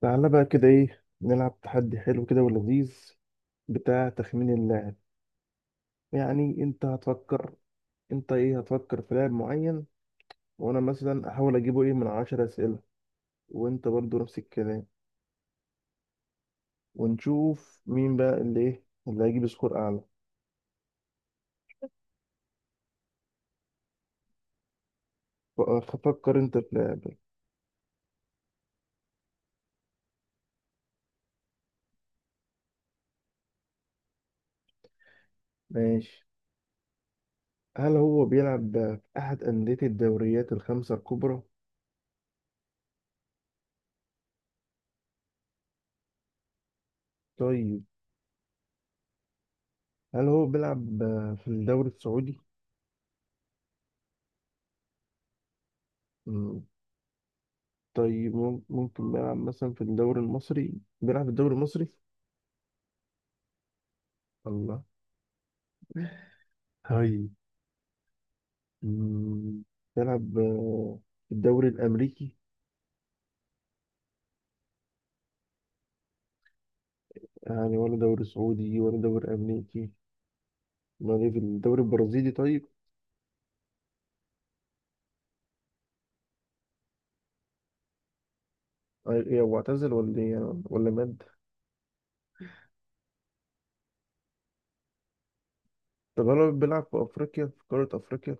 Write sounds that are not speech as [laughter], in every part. تعالى بقى كده، ايه نلعب تحدي حلو كده ولذيذ بتاع تخمين اللاعب. يعني انت هتفكر، انت ايه هتفكر في لاعب معين وانا مثلا احاول اجيبه ايه من 10 اسئلة، وانت برضو نفس الكلام، ونشوف مين بقى اللي ايه اللي هيجيب سكور اعلى. ف- فكر انت في لاعب. ماشي. هل هو بيلعب في احد اندية الدوريات الخمسة الكبرى؟ طيب، هل هو بيلعب في الدوري السعودي؟ طيب ممكن نلعب مثلا في الدوري المصري، بيلعب في الدوري المصري؟ الله. هاي. مم، بيلعب في الدوري الأمريكي؟ يعني ولا دوري سعودي ولا دوري أمريكي، ما ليه في الدوري البرازيلي طيب. إيه هو اعتزل ولا إيه يعني؟ ولا مات؟ طب هل بيلعب في أفريقيا، في قارة أفريقيا؟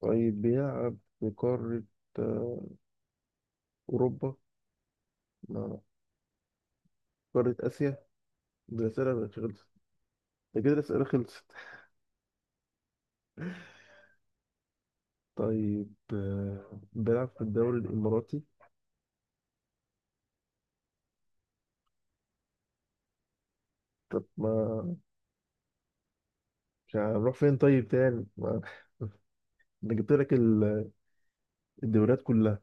طيب بيلعب في قارة آه، أوروبا؟ لا، لا. قارة آسيا. الأسئلة خلصت. ده كده الأسئلة خلصت. طيب بيلعب في الدوري الإماراتي؟ طب ما مش هنروح فين طيب تاني، ما انا جبت لك الدوريات كلها.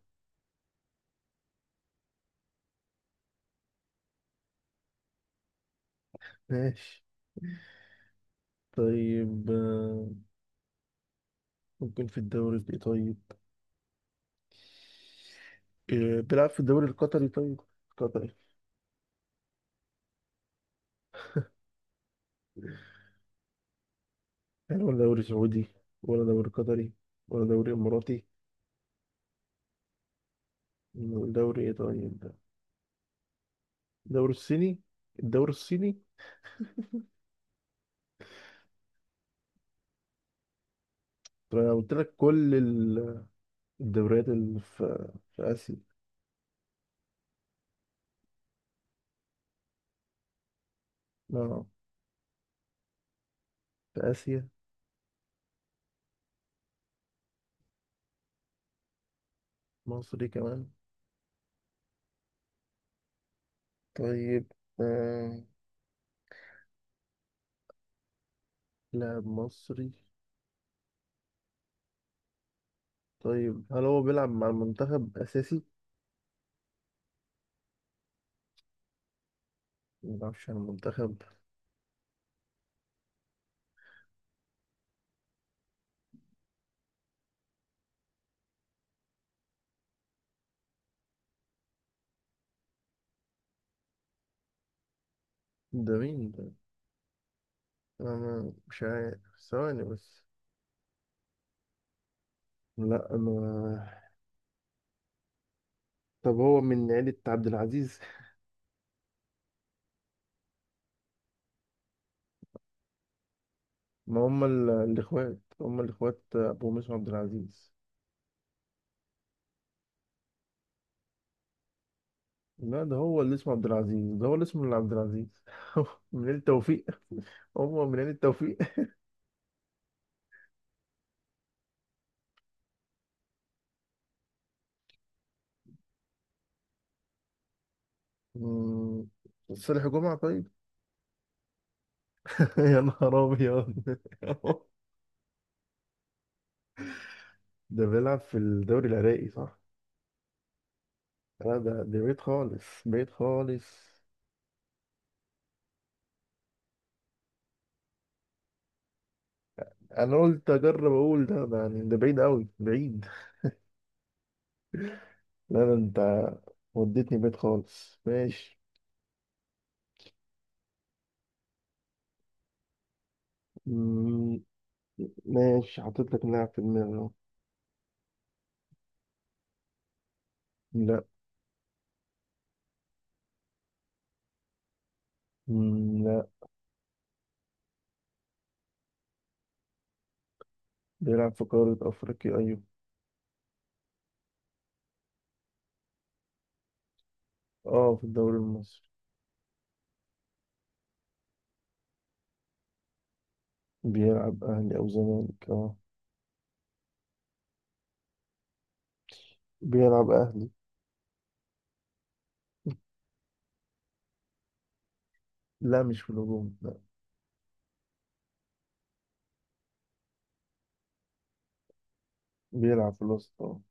ماشي. طيب ممكن في الدوري ايه طيب، بيلعب في الدوري القطري طيب؟ قطري؟ يعني ولا دوري سعودي، ولا دوري قطري، ولا دوري اماراتي، ولا دوري ايه طيب ده؟ الدوري الصيني. الدوري الصيني. طب انا قلت لك كل الدوريات اللي في اسيا. اه، في اسيا. مصري كمان؟ طيب آه، لاعب مصري. طيب هل هو بيلعب مع المنتخب أساسي؟ ما بيلعبش على المنتخب. ده مين ده؟ أنا مش عارف. ثواني بس. لا، أنا طب هو من عيلة عبد العزيز؟ ما هم الإخوات أبو مسلم عبد العزيز. لا، ده هو اللي اسمه عبد العزيز، ده هو اللي اسمه اللي عبد العزيز [laughs] من عيلة توفيق. هو من عيلة توفيق؟ مم، صالح جمعة طيب. [laughs] يا نهار أبيض. [laughs] ده بيلعب في الدوري العراقي صح؟ لا، ده بعيد خالص، بعيد خالص. انا قلت اجرب اقول ده يعني ده بعيد قوي بعيد. لا، ده انت وديتني بعيد خالص. ماشي. مم، ماشي حطيت لك لاعب في دماغي أهو. لا. مم، لا. بيلعب في قارة افريقيا، ايوه. اه، في الدوري المصري. بيلعب اهلي او زمالك، اه. بيلعب اهلي. لا، مش في الهجوم، لا. بيلعب في الوسط، اه.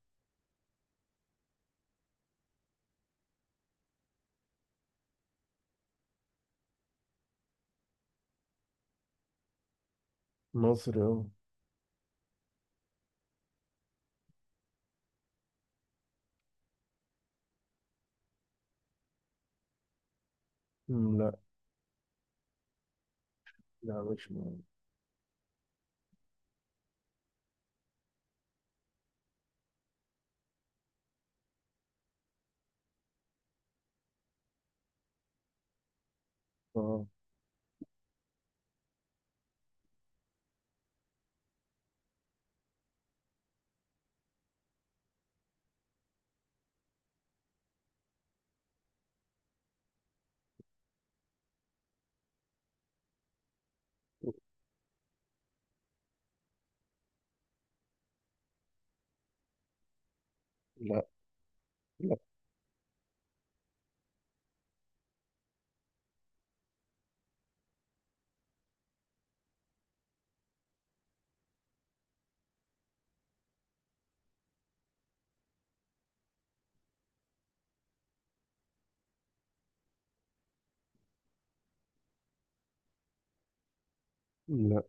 مصري، اه. مم، لا، لا، مش مصري. اه. لا، لا، لا،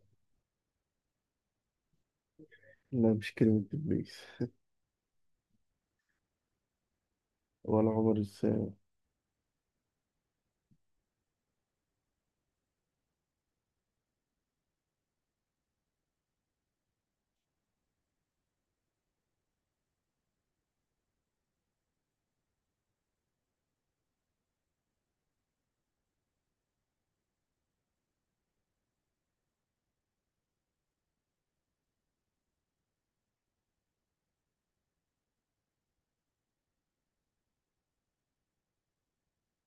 لا، مش كلمة إبليس. ولا عمر السام؟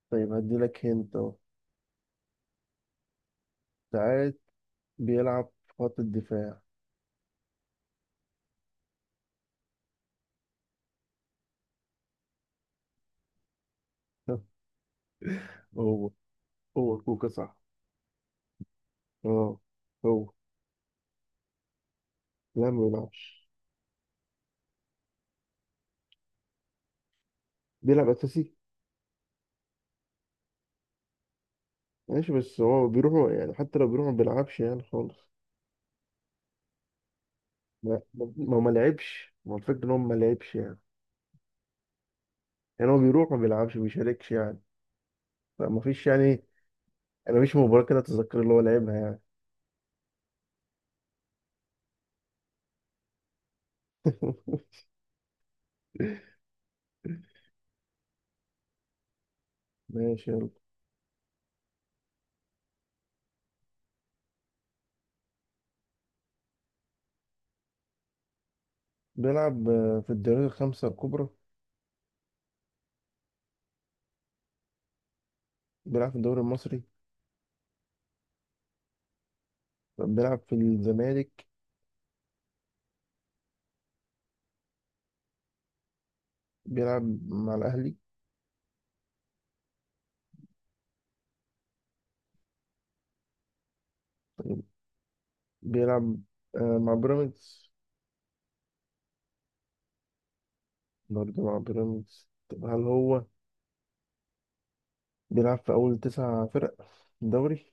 طيب هدي لك هنت أهو. ساعات بيلعب في خط الدفاع. [laughs] هو هو كوكا صح. اه، هو. لا، ما بيلعبش، بيلعب أساسي. ماشي، بس هو بيروح يعني حتى لو بيروح ما بيلعبش يعني خالص. ما لعبش، ما هو الفكرة إن هو ما لعبش يعني هو بيروح ما بيلعبش، ما بيشاركش يعني. فما فيش يعني. أنا مفيش مباراة كده أتذكر اللي هو لعبها يعني. [laughs] ماشي يلا. بيلعب في الدوري الخمسة الكبرى؟ بيلعب في الدوري المصري. بيلعب في الزمالك. بيلعب مع الأهلي. بيلعب مع بيراميدز. برضه مع بيراميدز. طب هل هو بيلعب في أول 9 فرق في الدوري؟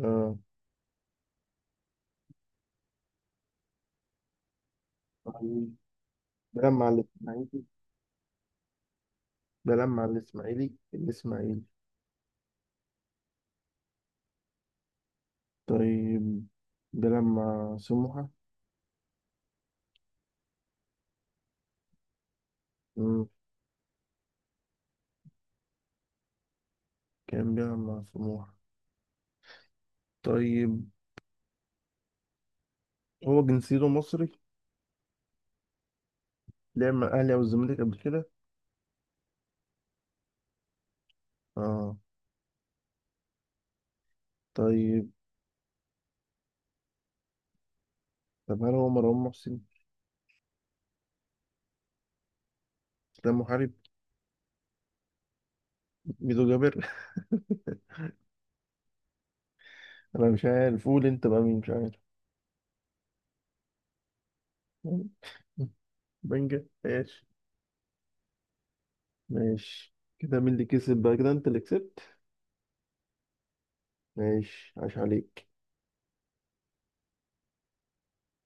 آه. طيب، بيلعب مع الإسماعيلي. بيلعب مع الإسماعيلي الإسماعيلي؟ طيب بيلعب مع سموحة. مم. كان بيلعب مع سموحة. طيب هو جنسيته مصري. لعب مع الأهلي أو الزمالك قبل كده؟ اه. طيب. طب هل هو مروان محسن؟ ده محارب؟ ميدو جابر؟ انا مش عارف، قول انت بقى مين، مش عارف. بنجا، ماشي. ماشي كده، مين اللي كسب بقى كده؟ انت اللي كسبت. ماشي، عاش عليك.